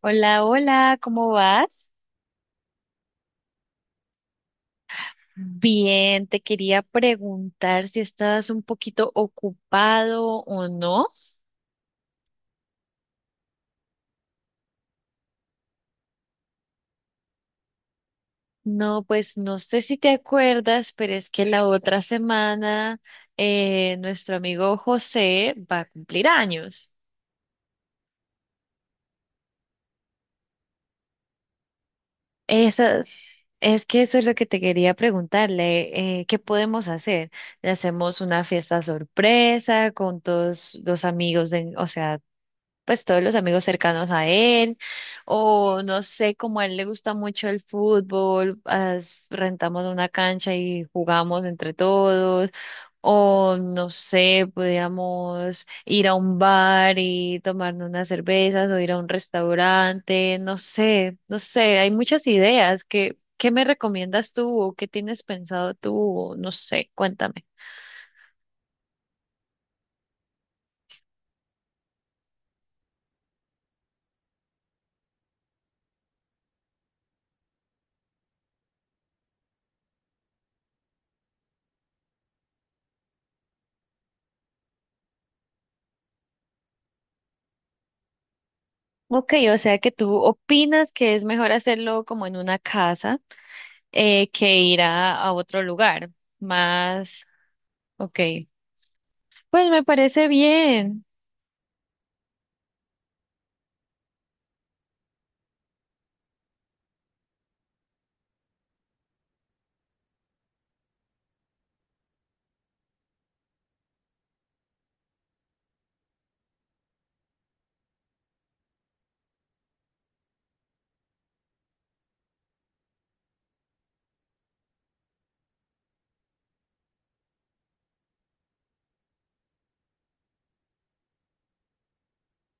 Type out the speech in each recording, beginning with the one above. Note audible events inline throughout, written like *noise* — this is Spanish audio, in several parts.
Hola, hola, ¿cómo vas? Bien, te quería preguntar si estabas un poquito ocupado o no. No, pues no sé si te acuerdas, pero es que la otra semana nuestro amigo José va a cumplir años. Eso, es que eso es lo que te quería preguntarle. ¿Qué podemos hacer? ¿Le hacemos una fiesta sorpresa con todos los amigos de, o sea, pues todos los amigos cercanos a él, o no sé, como a él le gusta mucho el fútbol, rentamos una cancha y jugamos entre todos, o no sé, podríamos ir a un bar y tomarnos unas cervezas o ir a un restaurante, no sé, no sé, hay muchas ideas. ¿Qué, qué me recomiendas tú o qué tienes pensado tú? O no sé, cuéntame. Ok, o sea que tú opinas que es mejor hacerlo como en una casa que ir a otro lugar, más, ok. Pues me parece bien,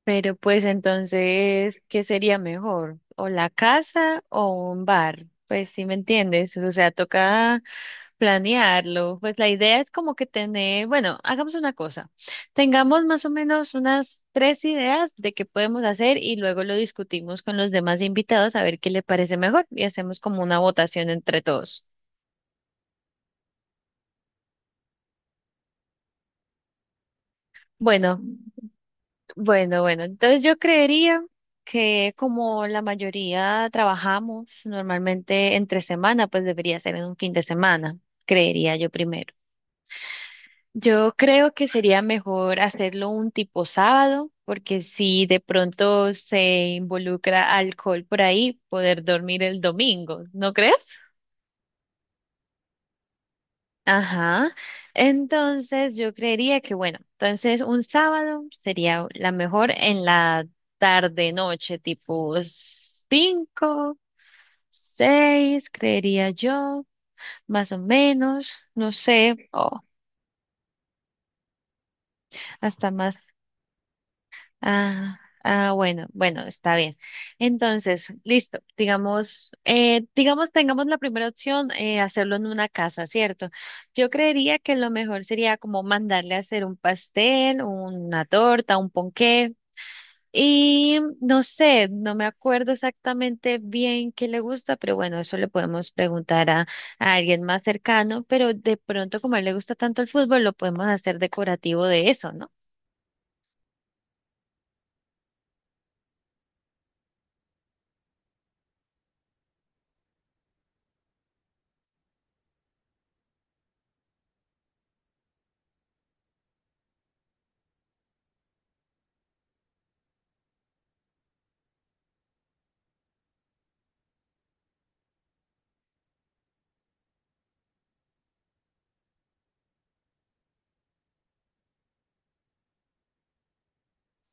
pero pues entonces, ¿qué sería mejor? ¿O la casa o un bar? Pues sí me entiendes, o sea, toca planearlo. Pues la idea es como que tener, bueno, hagamos una cosa, tengamos más o menos unas tres ideas de qué podemos hacer y luego lo discutimos con los demás invitados a ver qué le parece mejor y hacemos como una votación entre todos. Bueno. Bueno, bueno, entonces yo creería que como la mayoría trabajamos normalmente entre semana, pues debería ser en un fin de semana, creería yo primero. Yo creo que sería mejor hacerlo un tipo sábado, porque si de pronto se involucra alcohol por ahí, poder dormir el domingo, ¿no crees? Ajá. Entonces yo creería que, bueno, entonces un sábado sería la mejor en la tarde noche, tipo 5, 6, creería yo, más o menos, no sé, o hasta más. Ah, ah, bueno, bueno, está bien. Entonces, listo. Digamos, digamos, tengamos la primera opción, hacerlo en una casa, ¿cierto? Yo creería que lo mejor sería como mandarle a hacer un pastel, una torta, un ponqué. Y no sé, no me acuerdo exactamente bien qué le gusta, pero bueno, eso le podemos preguntar a alguien más cercano, pero de pronto como a él le gusta tanto el fútbol, lo podemos hacer decorativo de eso, ¿no?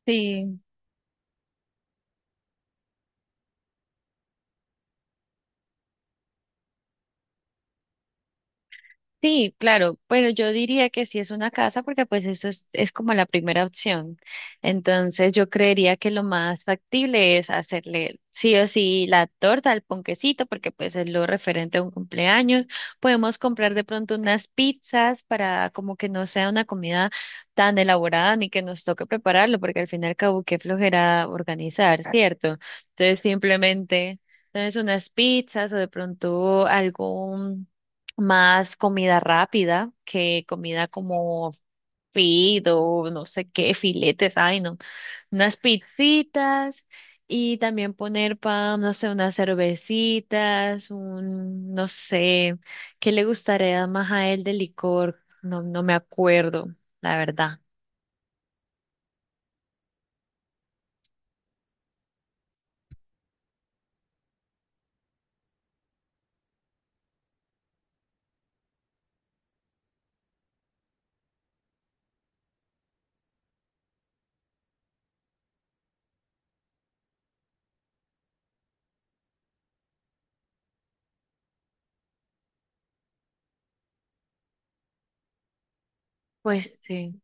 Sí, sí, claro, pero yo diría que sí es una casa porque pues eso es como la primera opción. Entonces yo creería que lo más factible es hacerle sí o sí la torta, el ponquecito, porque pues es lo referente a un cumpleaños. Podemos comprar de pronto unas pizzas para como que no sea una comida tan elaborada ni que nos toque prepararlo, porque al fin y al cabo qué flojera organizar, ¿cierto? Entonces simplemente... Entonces unas pizzas o de pronto algún más comida rápida que comida como fido, no sé qué, filetes, ay no, unas pizzitas y también poner pan, no sé, unas cervecitas, un, no sé, ¿qué le gustaría más a él de licor? No, no me acuerdo, la verdad. Pues sí.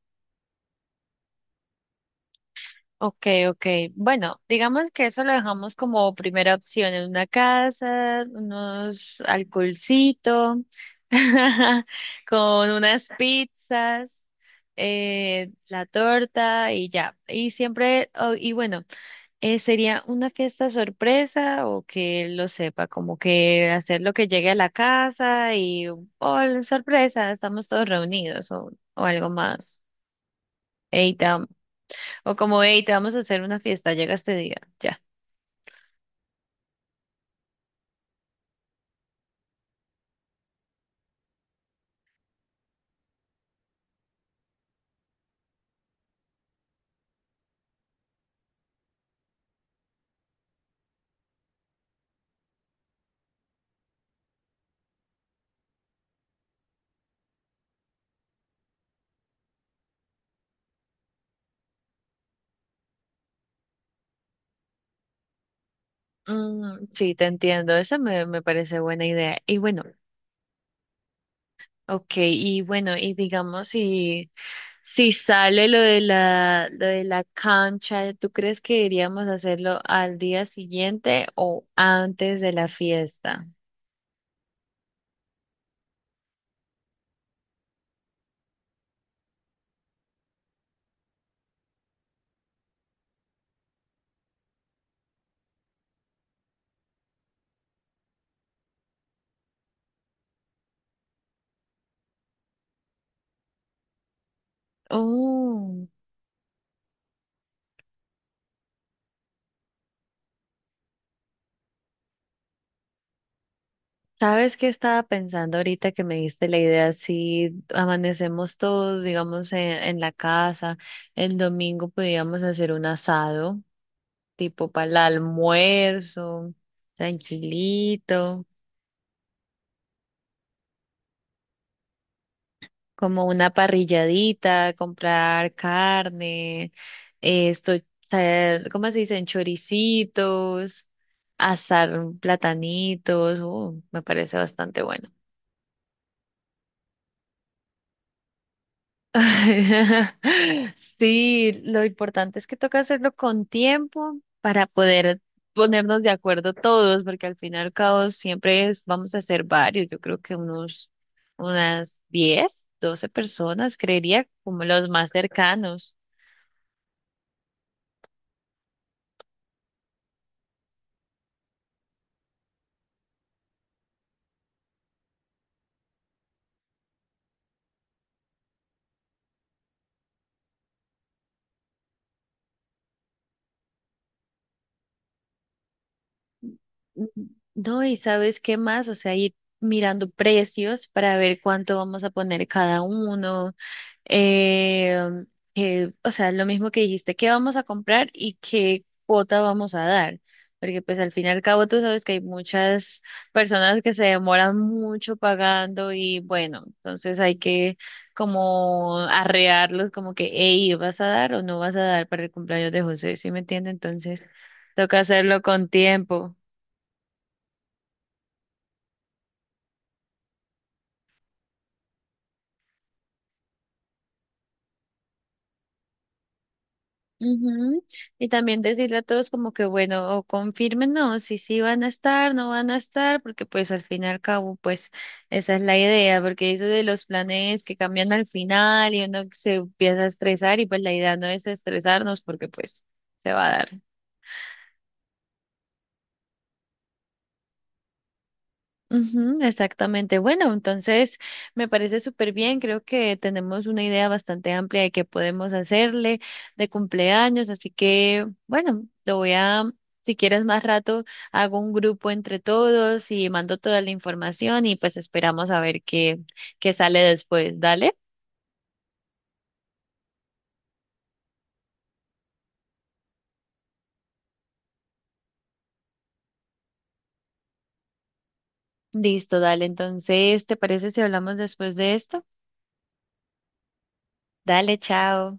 Ok, ok. Bueno, digamos que eso lo dejamos como primera opción en una casa, unos alcoholcito, *laughs* con unas pizzas, la torta y ya. Y siempre, oh, y bueno, sería una fiesta sorpresa o que él lo sepa, como que hacer lo que llegue a la casa y, oh, sorpresa, estamos todos reunidos o algo más. Eita, o como, hey, te vamos a hacer una fiesta, llega este día, ya. Mm, sí, te entiendo, esa me, me parece buena idea. Y bueno, ok, y bueno, y digamos, si, si sale lo de la cancha, ¿tú crees que iríamos a hacerlo al día siguiente o antes de la fiesta? Oh, ¿sabes qué estaba pensando ahorita que me diste la idea? Si amanecemos todos, digamos, en la casa, el domingo podríamos hacer un asado. Tipo para el almuerzo, tranquilito, como una parrilladita, comprar carne, esto, ¿cómo se dicen? Choricitos, asar platanitos, me parece bastante bueno. *laughs* Sí, lo importante es que toca hacerlo con tiempo para poder ponernos de acuerdo todos, porque al final, y al cabo siempre vamos a hacer varios, yo creo que unos, unas 10, 12 personas, creería, como los más cercanos. No, y sabes qué más, o sea, ir mirando precios para ver cuánto vamos a poner cada uno. Eh, que, o sea, lo mismo que dijiste, qué vamos a comprar y qué cuota vamos a dar. Porque pues al fin y al cabo tú sabes que hay muchas personas que se demoran mucho pagando y bueno, entonces hay que como arrearlos como que, hey, ¿vas a dar o no vas a dar para el cumpleaños de José? ¿Sí me entiende? Entonces toca hacerlo con tiempo. Ujú. Y también decirle a todos como que bueno, o confírmenos si sí van a estar, no van a estar, porque pues al fin y al cabo pues esa es la idea, porque eso de los planes que cambian al final y uno se empieza a estresar y pues la idea no es estresarnos porque pues se va a dar. Ujú, exactamente. Bueno, entonces me parece súper bien. Creo que tenemos una idea bastante amplia de qué podemos hacerle de cumpleaños. Así que, bueno, lo voy a, si quieres más rato, hago un grupo entre todos y mando toda la información y pues esperamos a ver qué, qué sale después. Dale. Listo, dale. Entonces, ¿te parece si hablamos después de esto? Dale, chao.